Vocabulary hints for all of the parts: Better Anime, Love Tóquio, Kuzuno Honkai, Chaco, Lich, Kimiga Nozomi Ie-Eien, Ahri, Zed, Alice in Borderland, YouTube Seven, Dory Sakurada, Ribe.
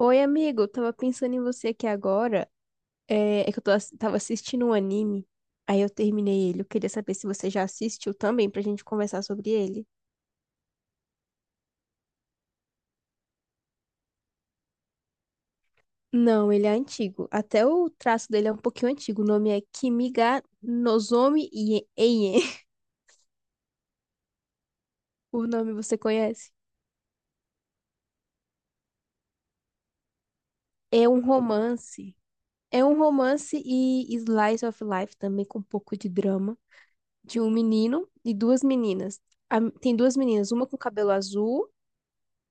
Oi, amigo, eu tava pensando em você aqui agora. É que eu tô tava assistindo um anime, aí eu terminei ele. Eu queria saber se você já assistiu também pra gente conversar sobre ele. Não, ele é antigo. Até o traço dele é um pouquinho antigo. O nome é Eien. O nome você conhece? É um romance. É um romance e slice of life também com um pouco de drama de um menino e duas meninas. Tem duas meninas, uma com cabelo azul,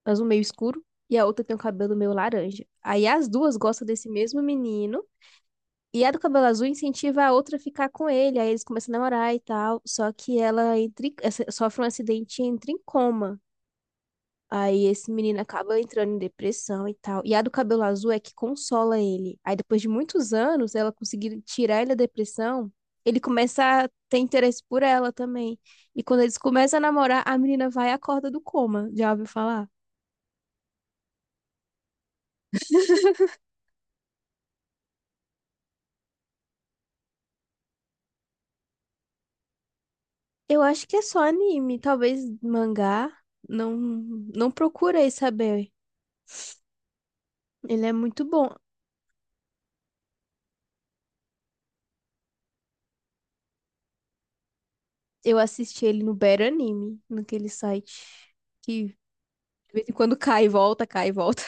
azul meio escuro, e a outra tem um cabelo meio laranja. Aí as duas gostam desse mesmo menino, e a do cabelo azul incentiva a outra a ficar com ele, aí eles começam a namorar e tal, só que ela entra, em- essa- sofre um acidente e entra em coma. Aí esse menino acaba entrando em depressão e tal. E a do cabelo azul é que consola ele. Aí depois de muitos anos, ela conseguir tirar ele da depressão, ele começa a ter interesse por ela também. E quando eles começam a namorar, a menina vai e acorda do coma. Já ouviu falar? Eu acho que é só anime, talvez mangá. Não procurei saber. Ele é muito bom. Eu assisti ele no Better Anime, naquele site que de vez em quando cai e volta, cai e volta.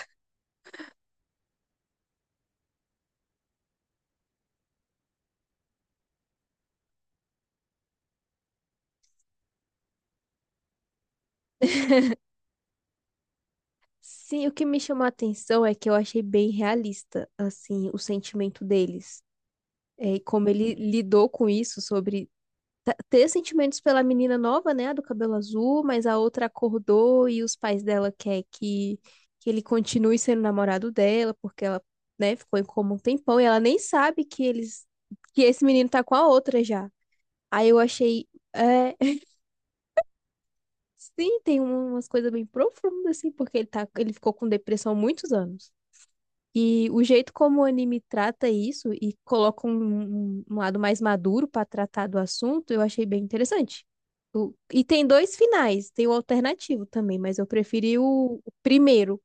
Sim, o que me chamou a atenção é que eu achei bem realista, assim, o sentimento deles. É, e como ele lidou com isso sobre ter sentimentos pela menina nova, né, a do cabelo azul, mas a outra acordou e os pais dela querem que ele continue sendo namorado dela, porque ela, né, ficou em coma um tempão e ela nem sabe que esse menino tá com a outra já. Aí eu achei, é, sim, tem umas coisas bem profundas, assim, porque ele ficou com depressão há muitos anos. E o jeito como o anime trata isso e coloca um lado mais maduro para tratar do assunto, eu achei bem interessante. E tem dois finais, tem o alternativo também, mas eu preferi o primeiro.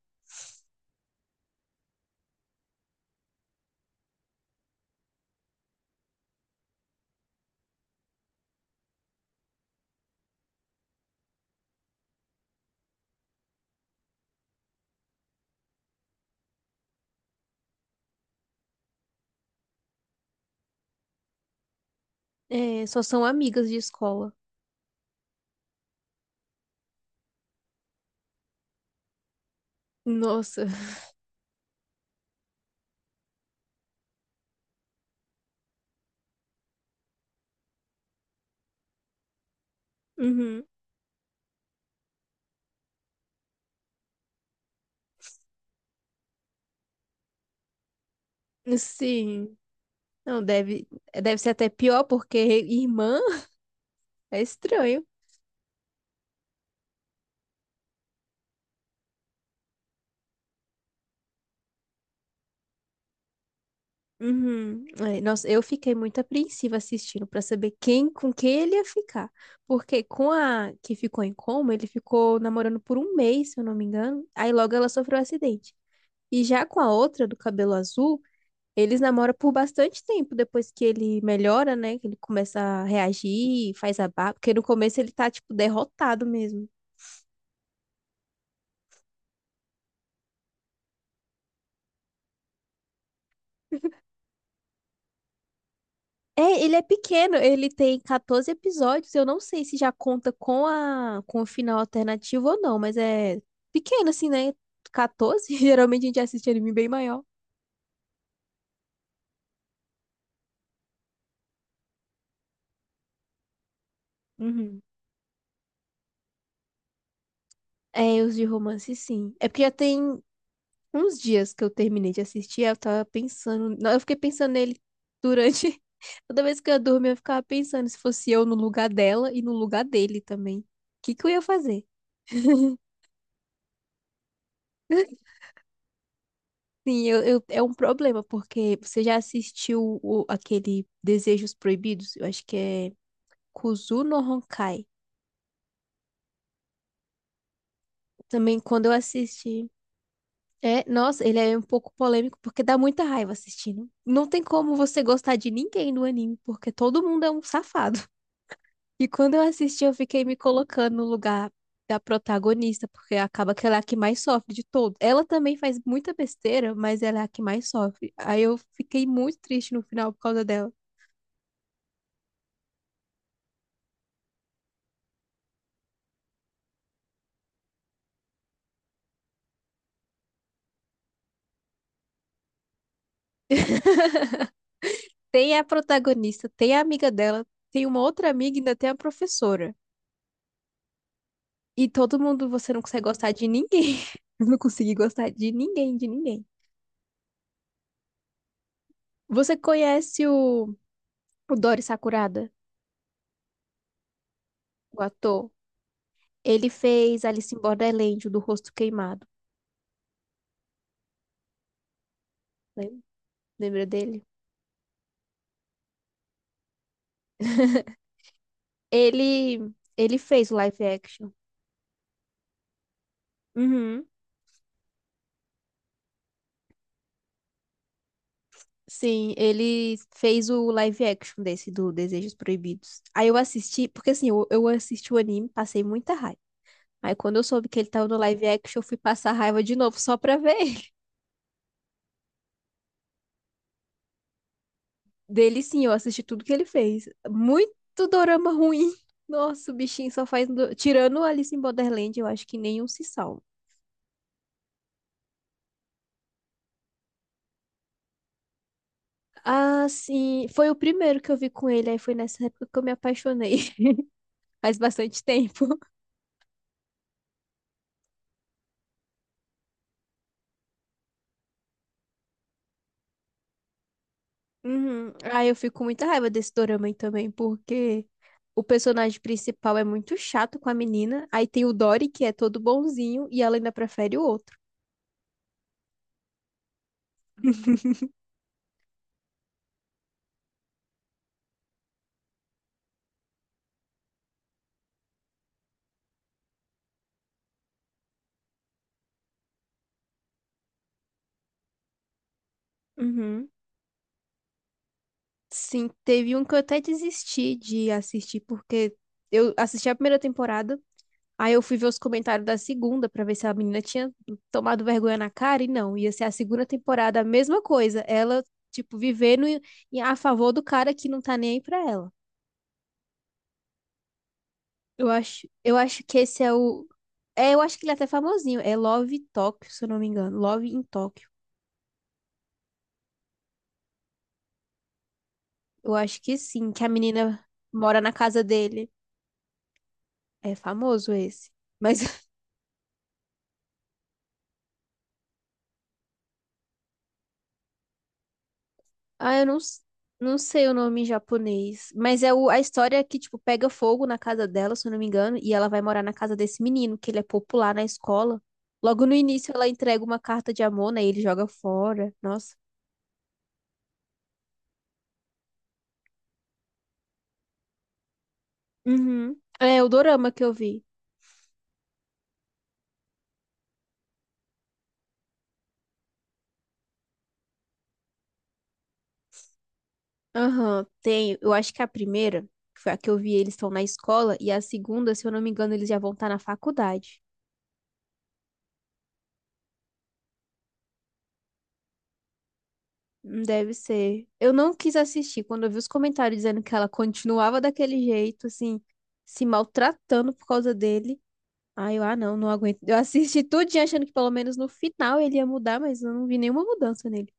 É, só são amigas de escola. Nossa. Uhum. Sim. Não, deve, deve ser até pior, porque irmã é estranho. Uhum. É, nossa, eu fiquei muito apreensiva assistindo pra saber quem com quem ele ia ficar. Porque com a que ficou em coma, ele ficou namorando por 1 mês, se eu não me engano. Aí logo ela sofreu um acidente. E já com a outra do cabelo azul, eles namoram por bastante tempo depois que ele melhora, né? Que ele começa a reagir, faz a barba. Porque no começo ele tá, tipo, derrotado mesmo. É, ele é pequeno, ele tem 14 episódios. Eu não sei se já conta com a com o final alternativo ou não, mas é pequeno assim, né? 14, geralmente a gente assiste anime bem maior. Uhum. É, os de romance, sim. É porque já tem uns dias que eu terminei de assistir, eu tava pensando, não, eu fiquei pensando nele durante toda vez que eu dormia, eu ficava pensando se fosse eu no lugar dela e no lugar dele também. O que que eu ia fazer? Sim, é um problema, porque você já assistiu aquele Desejos Proibidos? Eu acho que é Kuzuno Honkai. Também quando eu assisti. É, nossa, ele é um pouco polêmico, porque dá muita raiva assistindo. Não tem como você gostar de ninguém no anime, porque todo mundo é um safado. E quando eu assisti, eu fiquei me colocando no lugar da protagonista, porque acaba que ela é a que mais sofre de todos. Ela também faz muita besteira, mas ela é a que mais sofre. Aí eu fiquei muito triste no final por causa dela. Tem a protagonista, tem a amiga dela, tem uma outra amiga e ainda tem a professora. E todo mundo, você não consegue gostar de ninguém. Eu não consegui gostar de ninguém, de ninguém. Você conhece o Dory Sakurada, o ator? Ele fez Alice in Borderland, o do rosto queimado. Lem- Lembra dele? Ele, ele fez o live action. Uhum. Sim, ele fez o live action desse do Desejos Proibidos. Aí eu assisti, porque assim, eu assisti o anime, passei muita raiva. Aí quando eu soube que ele tava no live action, eu fui passar raiva de novo só pra ver ele. Dele sim, eu assisti tudo que ele fez. Muito dorama ruim. Nossa, o bichinho só faz. Tirando Alice em Borderland, eu acho que nenhum se salva. Ah, sim. Foi o primeiro que eu vi com ele. Aí foi nessa época que eu me apaixonei. Faz bastante tempo. Uhum. Aí eu fico com muita raiva desse dorama aí também, porque o personagem principal é muito chato com a menina. Aí tem o Dory, que é todo bonzinho, e ela ainda prefere o outro. Uhum. Sim, teve um que eu até desisti de assistir, porque eu assisti a primeira temporada, aí eu fui ver os comentários da segunda pra ver se a menina tinha tomado vergonha na cara, e não, ia ser a segunda temporada, a mesma coisa, ela, tipo, a favor do cara que não tá nem aí pra ela. Eu acho que esse é o. É, eu acho que ele é até famosinho, é Love Tóquio, se eu não me engano, Love em Tóquio. Eu acho que sim, que a menina mora na casa dele. É famoso esse. Mas ah, eu não, s- não sei o nome em japonês. Mas é o, a história é que, tipo, pega fogo na casa dela, se eu não me engano, e ela vai morar na casa desse menino, que ele é popular na escola. Logo no início, ela entrega uma carta de amor, né? E ele joga fora. Nossa. Uhum. É o dorama que eu vi. Aham, tem. Eu acho que a primeira, que foi a que eu vi, eles estão na escola, e a segunda, se eu não me engano, eles já vão estar na faculdade. Deve ser. Eu não quis assistir quando eu vi os comentários dizendo que ela continuava daquele jeito, assim, se maltratando por causa dele. Aí eu, ah, não aguento. Eu assisti tudinho achando que pelo menos no final ele ia mudar, mas eu não vi nenhuma mudança nele.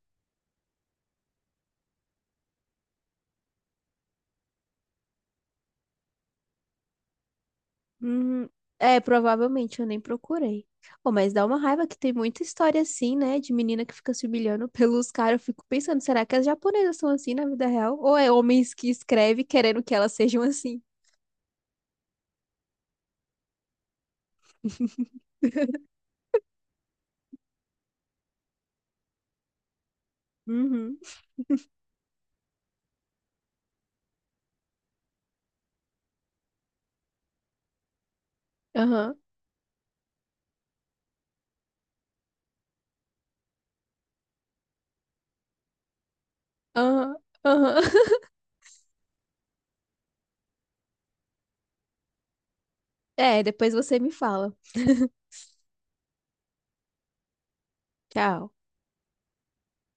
Hum, é, provavelmente eu nem procurei. Pô, mas dá uma raiva que tem muita história assim, né, de menina que fica se humilhando pelos caras. Eu fico pensando, será que as japonesas são assim na vida real? Ou é homens que escrevem querendo que elas sejam assim? Uhum. Aham. Aham, aham. É, depois você me fala. Tchau.